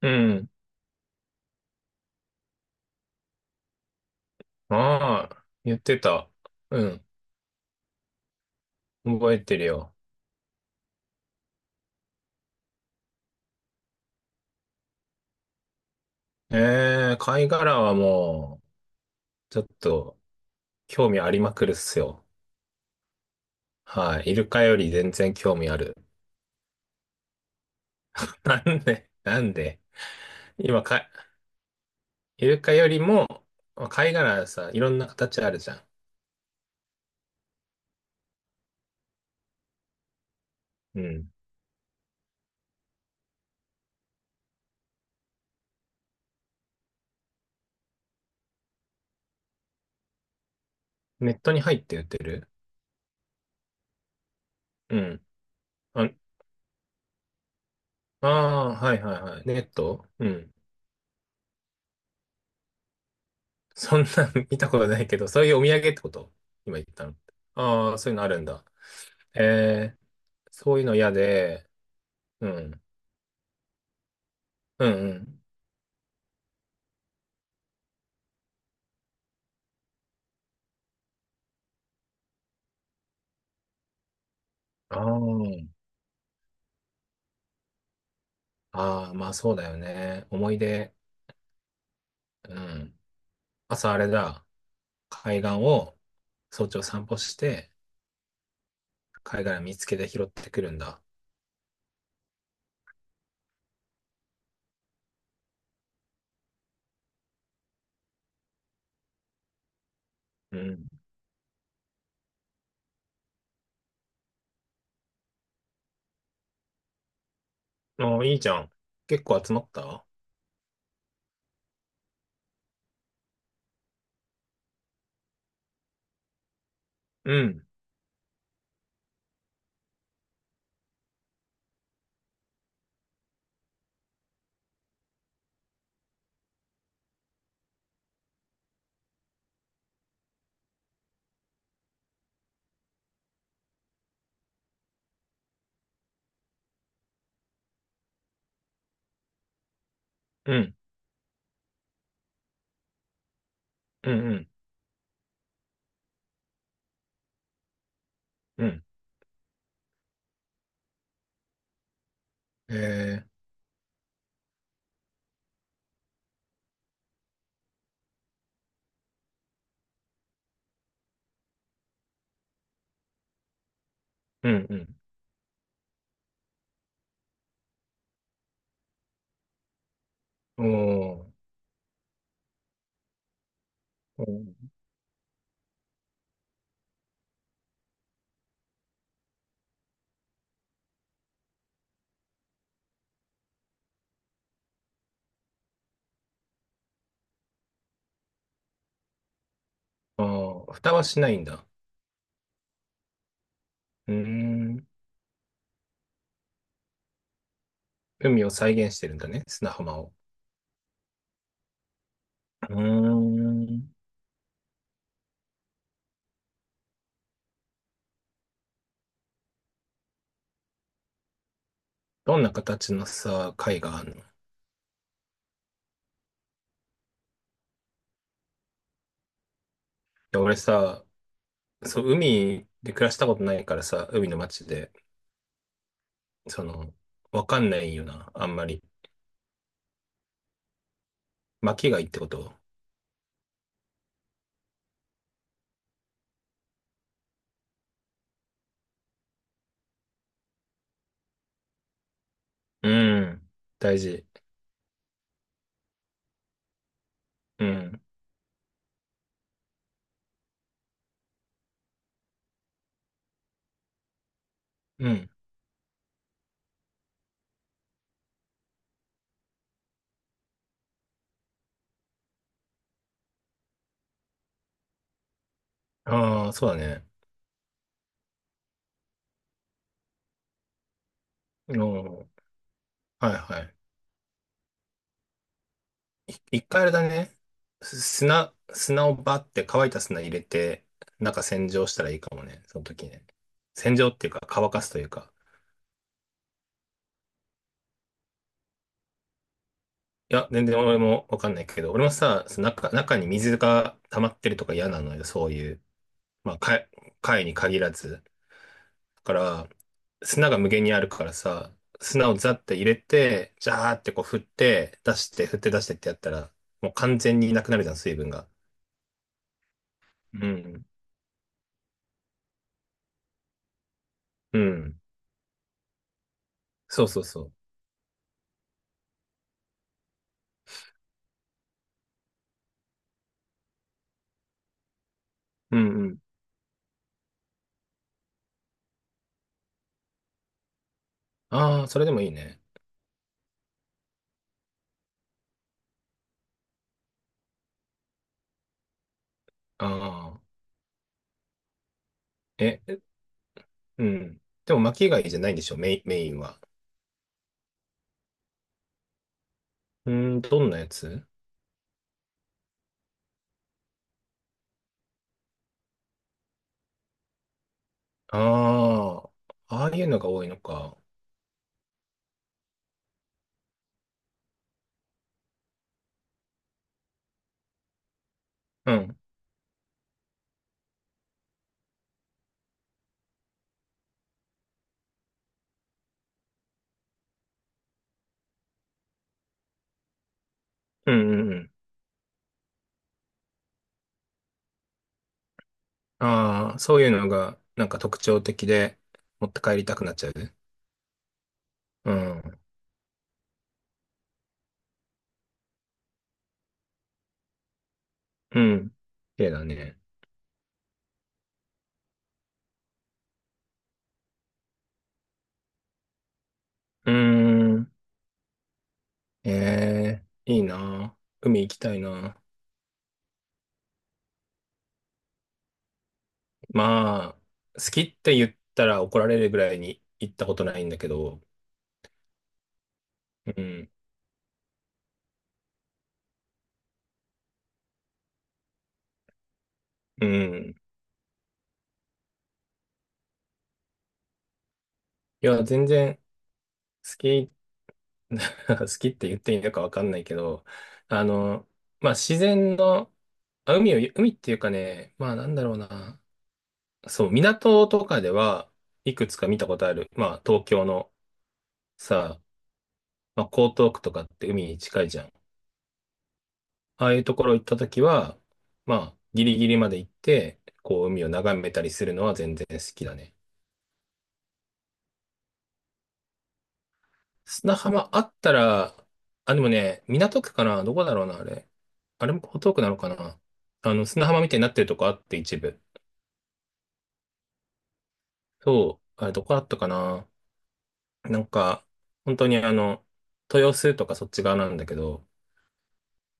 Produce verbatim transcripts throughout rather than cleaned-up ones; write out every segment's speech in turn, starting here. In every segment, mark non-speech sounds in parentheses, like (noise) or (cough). うん。ああ、言ってた。うん。覚えてるよ。ええ、貝殻はもう、ちょっと、興味ありまくるっすよ。はい。イルカより全然興味ある。(laughs) なんで、なんで。今、か、イルカよりも、貝殻さ、いろんな形あるじゃん。うん。ネットに入って売ってる、うん。あ、ああはいはいはい。ネット、うん。そんなん (laughs) 見たことないけど、そういうお土産ってこと今言ったの。ああ、そういうのあるんだ。ええ、そういうの嫌で、うん、うん、うん。あー、あー、まあそうだよね。思い出、うん。朝あれだ、海岸を早朝散歩して、貝殻見つけて拾ってくるんだ。うん。ああ、いいじゃん。結構集まった、うん、うん、うん、うん、うん。えー、うん、うん。おー、うん、ああ、蓋はしないんだ。うーん。海を再現してるんだね、砂浜を。うーん。どんな形のさ、貝がある。や、俺さ、そう、海で暮らしたことないからさ、海の街で、その、わかんないよな、あんまり。巻きがいいってこと。うん。大事。うん。うん。ああ、そうだね。う、はいはい。い一回あれだね。す砂、砂をバって乾いた砂入れて、中洗浄したらいいかもね、その時ね。洗浄っていうか乾かすというか。いや、全然俺もわかんないけど、俺もさ、その中、中に水が溜まってるとか嫌なのよ、そういう。まあ、貝貝に限らず。だから、砂が無限にあるからさ、砂をザって入れて、ジャーってこう振って、出して、振って出してってやったら、もう完全になくなるじゃん、水分が。うん。うん。そうそうそう。うんうん。ああ、それでもいいね。ああ。え、え、うん。でも巻き貝じゃないんでしょ、メイン、メインは。うーん、どんなやつ。ああー、ああいうのが多いのか。うん。うんうんうん。ああ、そういうのがなんか特徴的で持って帰りたくなっちゃう。うん。うん。綺麗だね。うーん。ええ、いいな。海行きたいな。まあ、好きって言ったら怒られるぐらいに行ったことないんだけど。うん。うん。いや、全然好き、(laughs) 好きって言っていいのかわかんないけど、あの、まあ自然の、あ、海を、海っていうかね、まあなんだろうな。そう、港とかでは、いくつか見たことある。まあ、東京のさ、まあ、江東区とかって海に近いじゃん。ああいうところ行ったときは、まあ、ギリギリまで行って、こう、海を眺めたりするのは全然好きだね。砂浜あったら、あ、でもね、港区かなどこだろうな、あれ。あれも江東区なのかな。あの、砂浜みたいになってるとこあって、一部。そう、あれどこだったかな。なんか、本当にあの、豊洲とかそっち側なんだけど、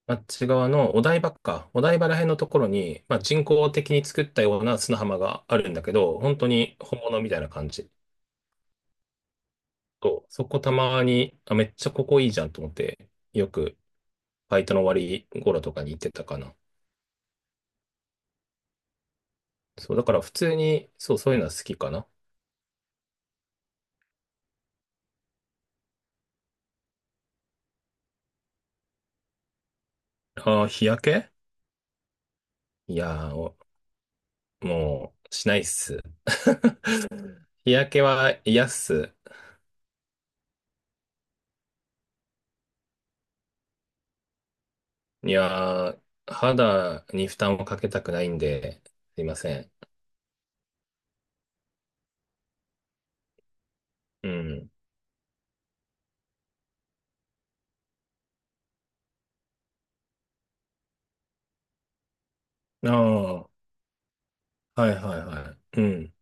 あっち側のお台場か、お台場ら辺のところに、まあ、人工的に作ったような砂浜があるんだけど、本当に本物みたいな感じ。と、そこたまに、あ、めっちゃここいいじゃんと思って、よくバイトの終わり頃とかに行ってたかな。そう、だから普通に、そう、そういうのは好きかな。ああ、日焼け。いやー、お、もう、しないっす。(laughs) 日焼けは嫌っす。いやー、肌に負担をかけたくないんで、すいません。うん。ああ。はいはいはい。うん。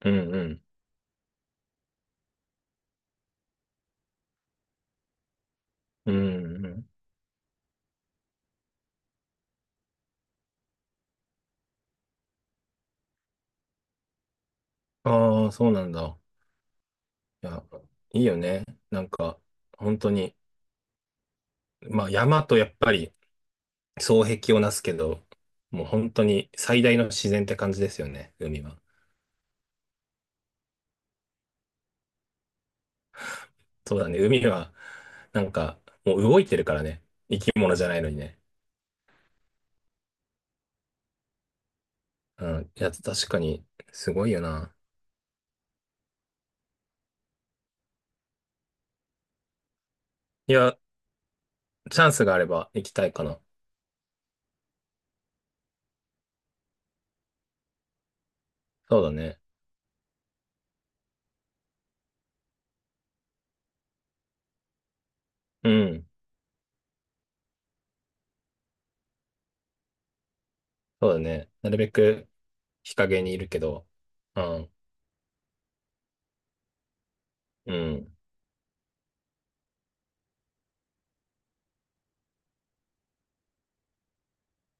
うんうん。うんうん。ああ、そうなんだ。いや、いいよね。なんか、本当に、まあ山とやっぱり双璧をなすけど、もう本当に最大の自然って感じですよね、海は。そうだね、海は、なんか、もう動いてるからね。生き物じゃないのにね。うん。いや、確かに、すごいよな。いや、チャンスがあれば行きたいかな。そうだね。うん。そうだね。なるべく日陰にいるけど、うん。うん。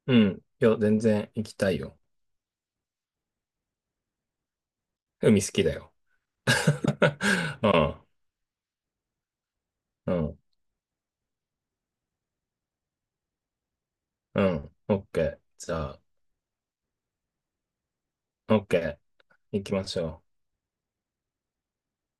うん。いや、全然行きたいよ。海好きだよ。(laughs) うん。うん。うん。オッケー。じゃあ、オッケー。行きましょう。